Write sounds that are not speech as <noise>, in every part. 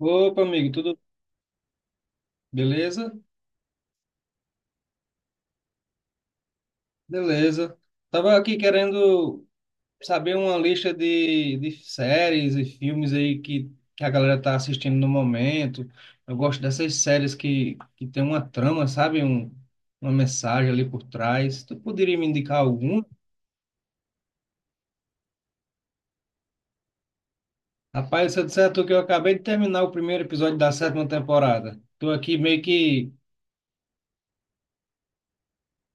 Opa, amigo, tudo beleza? Beleza. Tava aqui querendo saber uma lista de séries e filmes aí que a galera tá assistindo no momento. Eu gosto dessas séries que tem uma trama, sabe? Uma mensagem ali por trás. Tu poderia me indicar alguma? Rapaz, se eu disser a tu que eu acabei de terminar o primeiro episódio da sétima temporada. Tô aqui meio que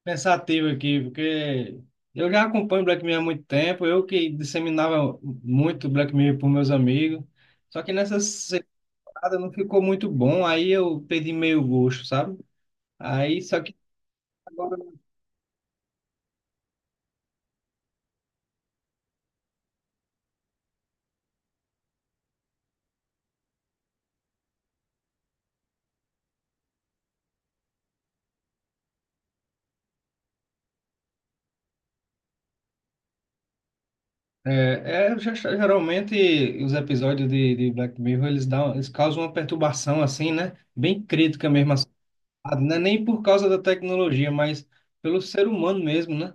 pensativo aqui, porque eu já acompanho Black Mirror há muito tempo, eu que disseminava muito Black Mirror para meus amigos, só que nessa temporada não ficou muito bom, aí eu perdi meio gosto, sabe? Aí, só que agora, geralmente os episódios de Black Mirror, eles dão, eles causam uma perturbação assim, né? Bem crítica mesmo, assim, não é nem por causa da tecnologia, mas pelo ser humano mesmo, né?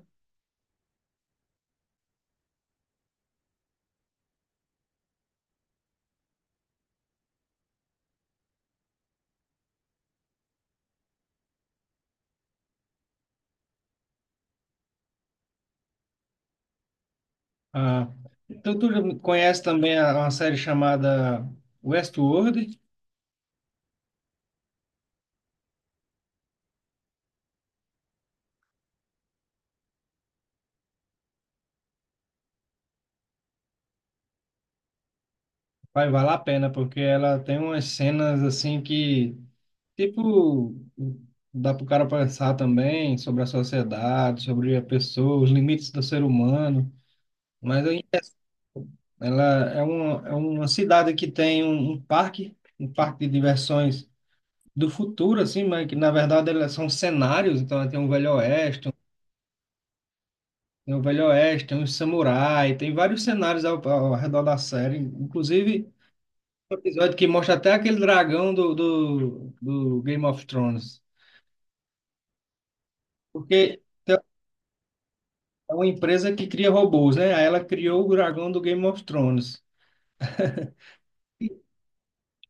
Ah, então tu já conhece também uma série chamada Westworld? Vai valer a pena, porque ela tem umas cenas assim que, tipo, dá pro cara pensar também sobre a sociedade, sobre a pessoa, os limites do ser humano. Mas aí, ela é uma cidade que tem um parque de diversões do futuro, assim, mas que na verdade elas são cenários, então ela tem um Velho Oeste. Tem o Velho Oeste, tem os samurai, tem vários cenários ao redor da série. Inclusive, um episódio que mostra até aquele dragão do Game of Thrones. Porque tem uma empresa que cria robôs, né? Aí ela criou o dragão do Game of Thrones.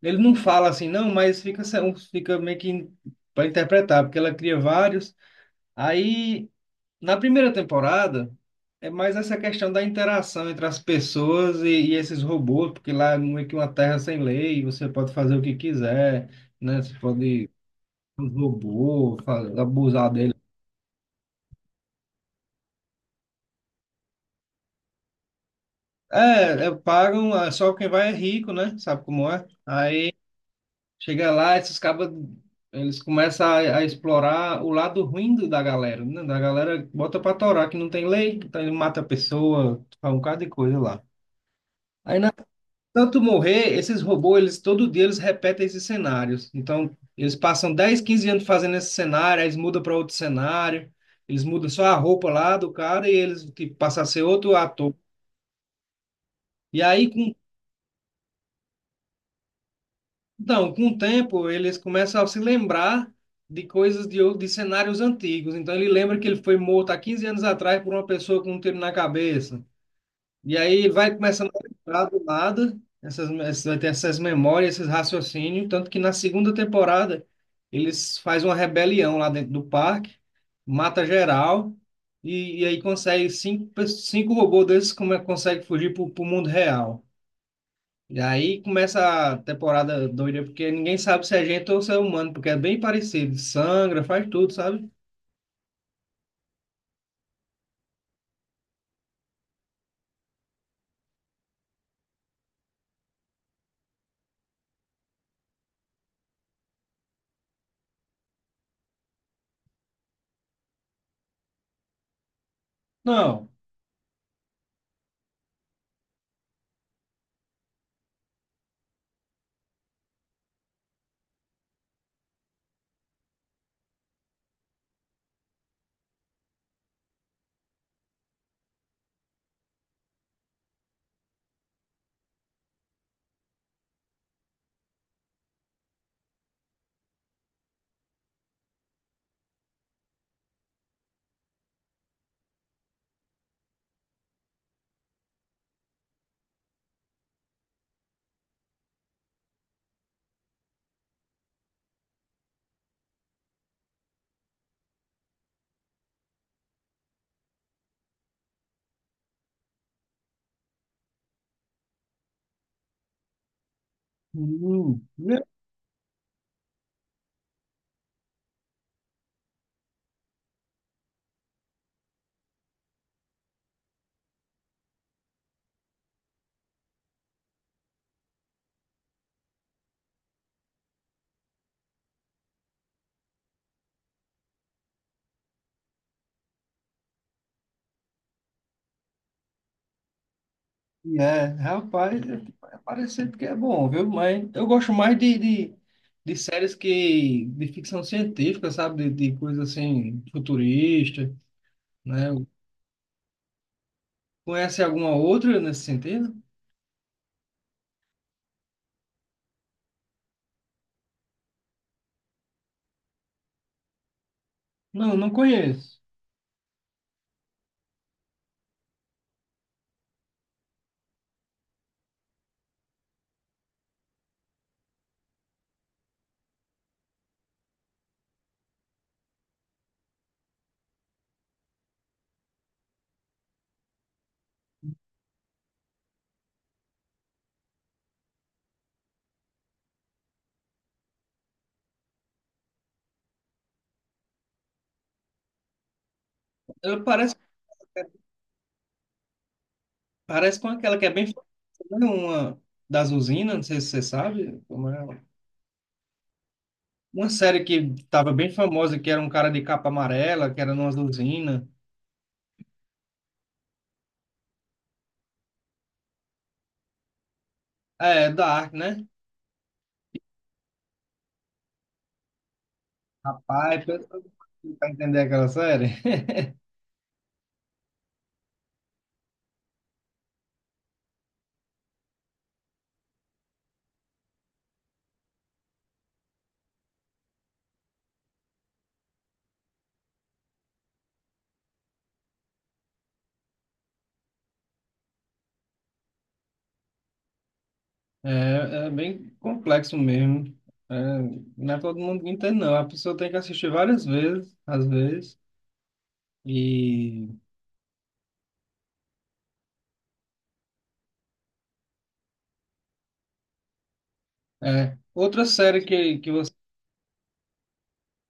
Ele não fala assim, não, mas fica, fica meio que para interpretar, porque ela cria vários. Aí Na primeira temporada, é mais essa questão da interação entre as pessoas e esses robôs, porque lá é meio que uma terra sem lei, você pode fazer o que quiser, né? Você pode abusar dele. É, é, pagam, é, só quem vai é rico, né? Sabe como é? Aí chega lá, esses cabas, eles começam a explorar o lado ruim da galera, né? Da galera bota pra torar que não tem lei, então ele mata a pessoa, faz um bocado de coisa lá. Aí na tanto morrer, esses robôs, eles todo dia eles repetem esses cenários. Então, eles passam 10, 15 anos fazendo esse cenário, aí eles mudam para outro cenário, eles mudam só a roupa lá do cara e eles tipo, passam a ser outro ator. E aí, com, então, com o tempo, eles começam a se lembrar de coisas de cenários antigos. Então, ele lembra que ele foi morto há 15 anos atrás por uma pessoa com um tiro na cabeça. E aí vai começando a lembrar do nada, vai ter essas memórias, esses raciocínios, tanto que na segunda temporada eles fazem uma rebelião lá dentro do parque, mata geral, e aí consegue cinco robôs desses como é, consegue fugir pro mundo real. E aí começa a temporada doida, porque ninguém sabe se é gente ou se é humano, porque é bem parecido, sangra, faz tudo, sabe? Não. Hum. É, rapaz, é parecer porque é bom, viu? Mas eu gosto mais de séries que de ficção científica, sabe? De coisa assim, futurista, né? Conhece alguma outra nesse sentido? Não, não conheço. Ela parece, parece com aquela que é bem famosa, né? Uma das usinas, não sei se você sabe como é ela. Uma série que estava bem famosa, que era um cara de capa amarela, que era numa usina. É, Dark, né? Rapaz, pra tentar entender aquela série, <laughs> é, é bem complexo mesmo. É, não é todo mundo que entende, não. A pessoa tem que assistir várias vezes, às vezes. E é, outra série que você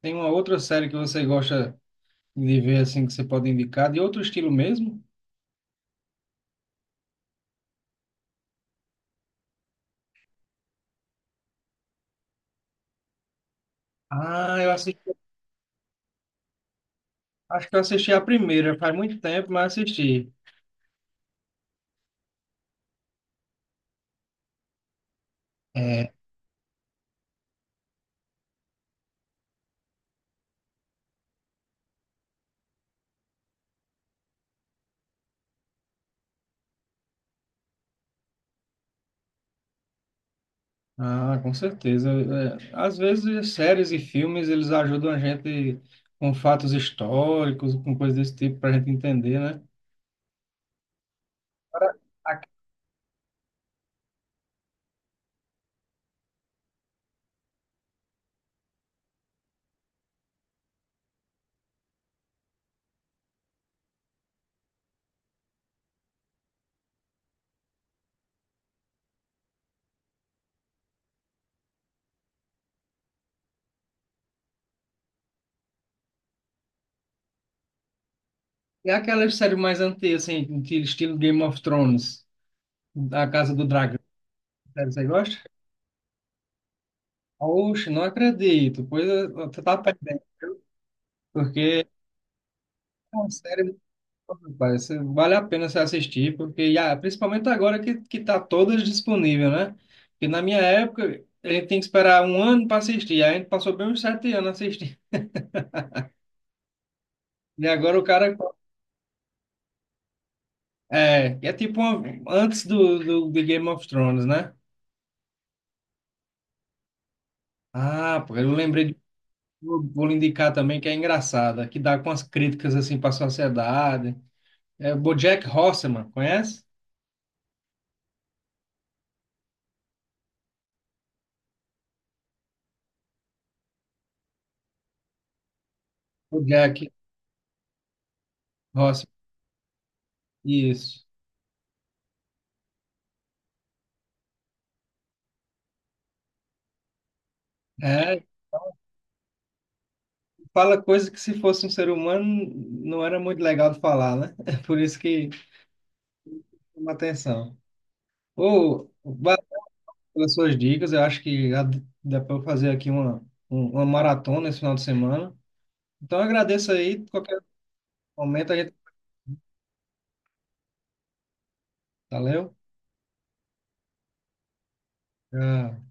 tem uma outra série que você gosta de ver assim que você pode indicar, de outro estilo mesmo? Ah, eu assisti, acho que eu assisti a primeira, faz muito tempo, mas assisti. Ah, com certeza. É, às vezes, séries e filmes, eles ajudam a gente com fatos históricos, com coisas desse tipo, para a gente entender, né? Agora, a- E aquelas séries mais antigas, assim, que estilo Game of Thrones, A Casa do Dragão, série você gosta? Oxe, não acredito. Pois é, você tá perdendo, porque é uma série. Rapaz, vale a pena você assistir, porque ah, principalmente agora que tá todas disponível, né? Porque na minha época, a gente tem que esperar um ano para assistir, aí a gente passou bem uns 7 anos assistindo. <laughs> E agora o cara. É, é tipo uma- antes de Game of Thrones, né? Ah, pô, eu lembrei de. Vou lhe indicar também que é engraçada, que dá com as críticas assim para a sociedade. É BoJack Horseman, conhece? BoJack Horseman, isso. É, fala coisa que se fosse um ser humano não era muito legal de falar, né? <laughs> É por isso que chama atenção. Ô, valeu pelas suas dicas, eu acho que dá para eu fazer aqui uma maratona esse final de semana. Então eu agradeço aí, qualquer momento a gente... Valeu? Tchau.